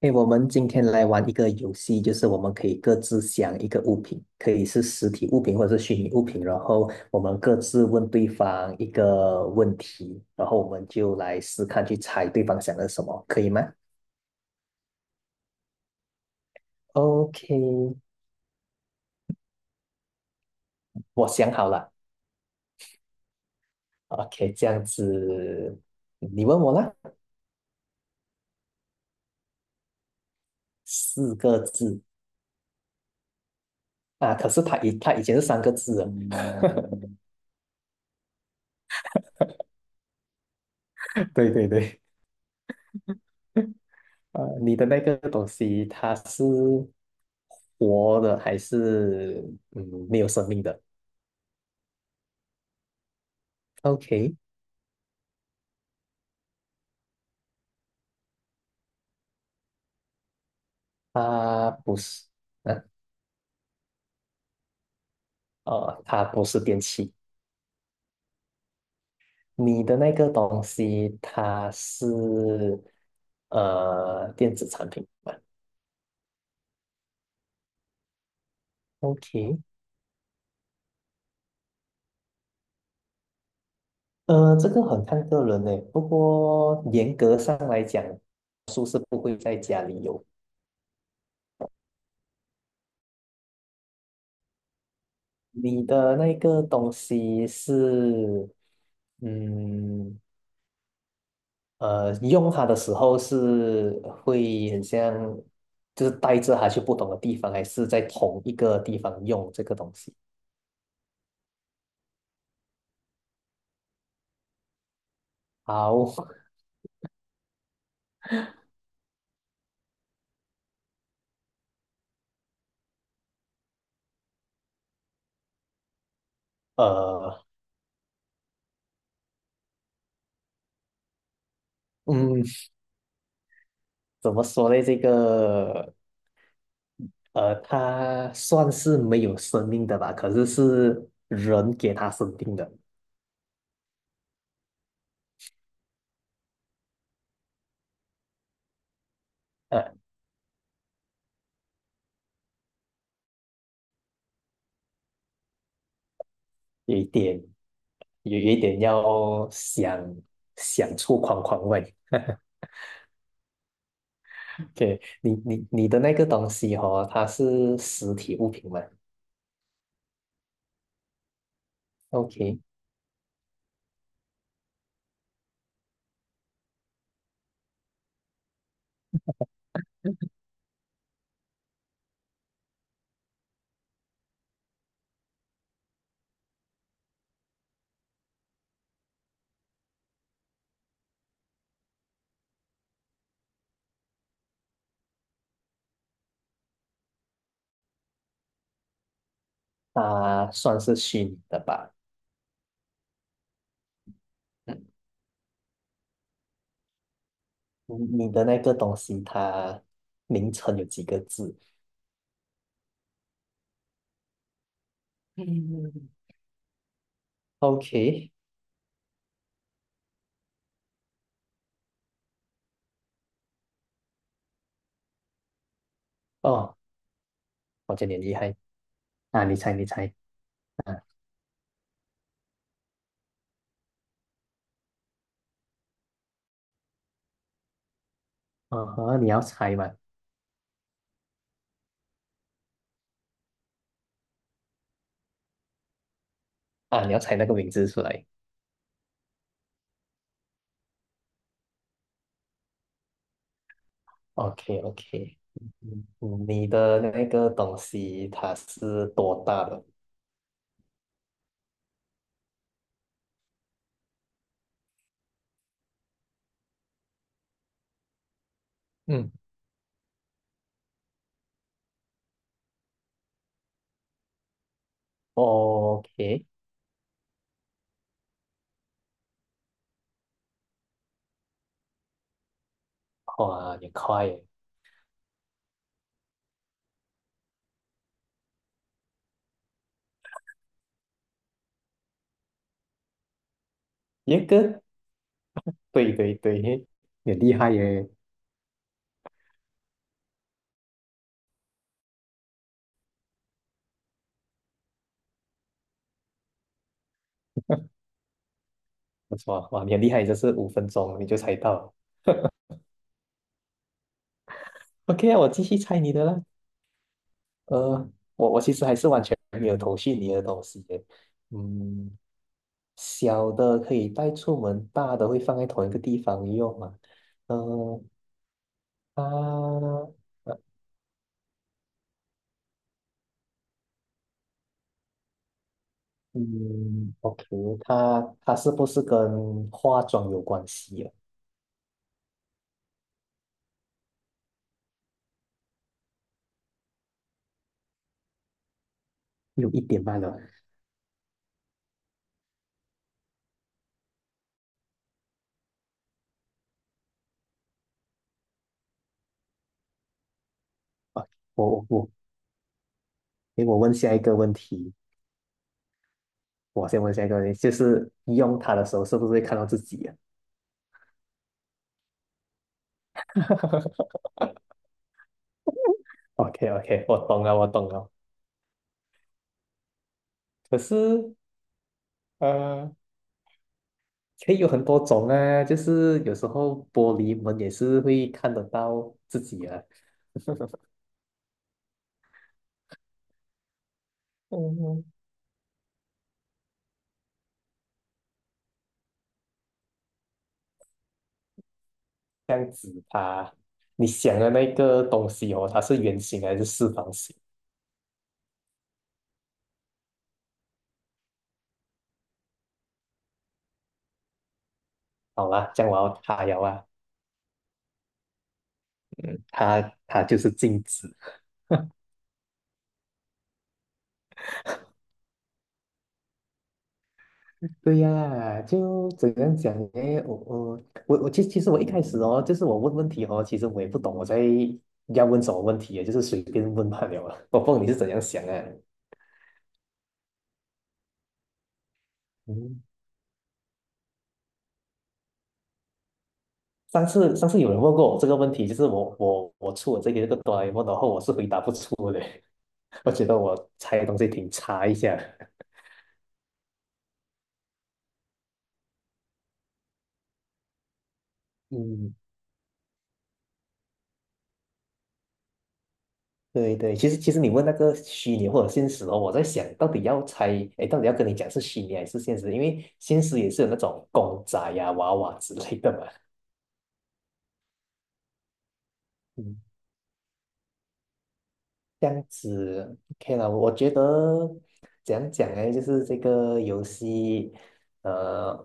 诶，我们今天来玩一个游戏，就是我们可以各自想一个物品，可以是实体物品或者是虚拟物品，然后我们各自问对方一个问题，然后我们就来试看去猜对方想的是什么，可以吗？OK，我想好了。OK，这样子，你问我啦，四个字啊，可是他以前是三个字的。对对对，啊，你的那个东西它是活的还是嗯没有生命的？OK，它不是，嗯哦它不是电器。你的那个东西它是电子产品吧？OK，呃，这个很看个人呢。不过严格上来讲，书是不会在家里有。你的那个东西是嗯。呃，用它的时候是会很像，就是带着它去不同的地方，还是在同一个地方用这个东西？好，呃，嗯，怎么说呢？这个，呃，它算是没有生命的吧，可是是人给它生命的，呃，有一点，有一点要想想出框框外。OK，你的那个东西哦，它是实体物品吗？OK，它算是虚拟的吧？嗯，你你的那个东西，它名称有几个字嗯，？OK，哦，我觉得你很厉害啊！你猜，你猜啊，哦呵，你要猜吗？啊，你要猜那个名字出来。o k o k 嗯，嗯你的那个东西它是多大的？嗯，OK，哇，你快耶！一个，对对对，你很厉害耶！不错，哇，你很厉害，就是5分钟你就猜到。OK 啊，我继续猜你的啦。呃，我其实还是完全没有头绪你的东西耶。嗯，小的可以带出门，大的会放在同一个地方用嘛？呃，它，呃嗯，OK，它是不是跟化妆有关系啊？有一点慢了。啊，我，诶，我问下一个问题，我先问下一个问题，就是用它的时候是不是会看到自己啊 ？OK OK，我懂了，我懂了。可是呃，可以有很多种啊，就是有时候玻璃门也是会看得到自己啊，嗯，这样子，它，你想的那个东西哦，它是圆形还是四方形？好啦，这样我要它了啊，它它就是镜子。对呀、就怎样讲呢？我其实我一开始哦，就是我问问题哦，其实我也不懂我在要问什么问题，就是随便问罢了啊。我不懂你是怎样想啊？上次有人问过我这个问题，就是我出我这个哆啦 A 梦，然后我是回答不出的，我觉得我猜东西挺差一下。嗯，对对，其实你问那个虚拟或者现实哦，我在想到底要猜，哎，到底要跟你讲是虚拟还是现实？因为现实也是有那种公仔呀、娃娃之类的嘛。嗯。这样子，OK 了。我觉得怎样讲呢，就是这个游戏，呃，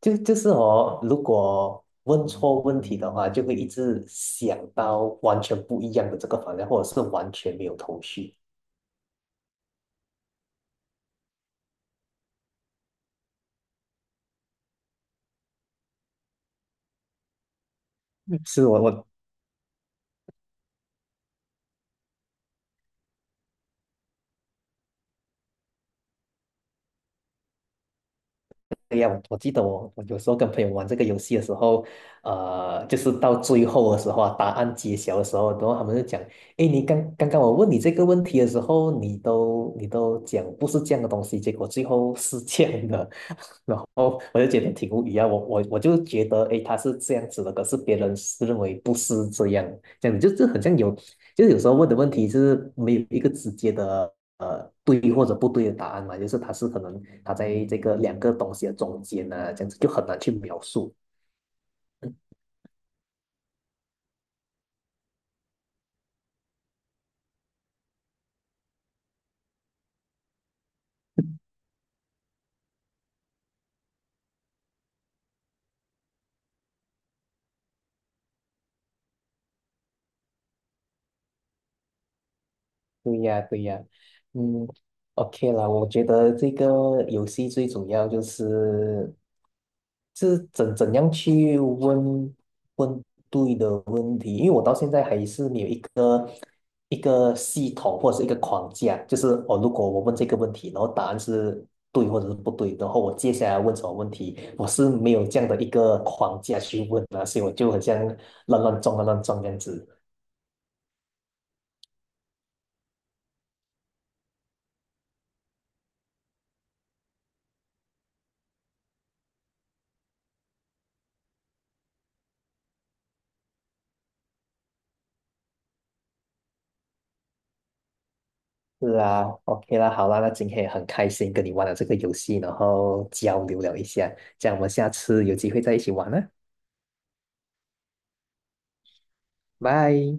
就是我如果问错问题的话，就会一直想到完全不一样的这个方向，或者是完全没有头绪。是我我对呀，我记得我有时候跟朋友玩这个游戏的时候，呃，就是到最后的时候啊，答案揭晓的时候，然后他们就讲，诶，你刚刚我问你这个问题的时候，你都讲不是这样的东西，结果最后是这样的，然后我就觉得挺无语啊，我就觉得，诶，他是这样子的，可是别人是认为不是这样，这样子就很像有，就是有时候问的问题是没有一个直接的呃对或者不对的答案嘛，就是他是可能他在这个两个东西的中间呢、这样子就很难去描述。对呀，对呀，嗯，OK 啦，我觉得这个游戏最主要就是，是怎样去问问对的问题，因为我到现在还是没有一个一个系统或者是一个框架，就是哦，如果我问这个问题，然后答案是对或者是不对，然后我接下来问什么问题，我是没有这样的一个框架去问啊，所以我就很像乱乱撞这样子。是啊，OK 啦，好啦，那今天也很开心跟你玩了这个游戏，然后交流了一下，这样我们下次有机会再一起玩啦，拜。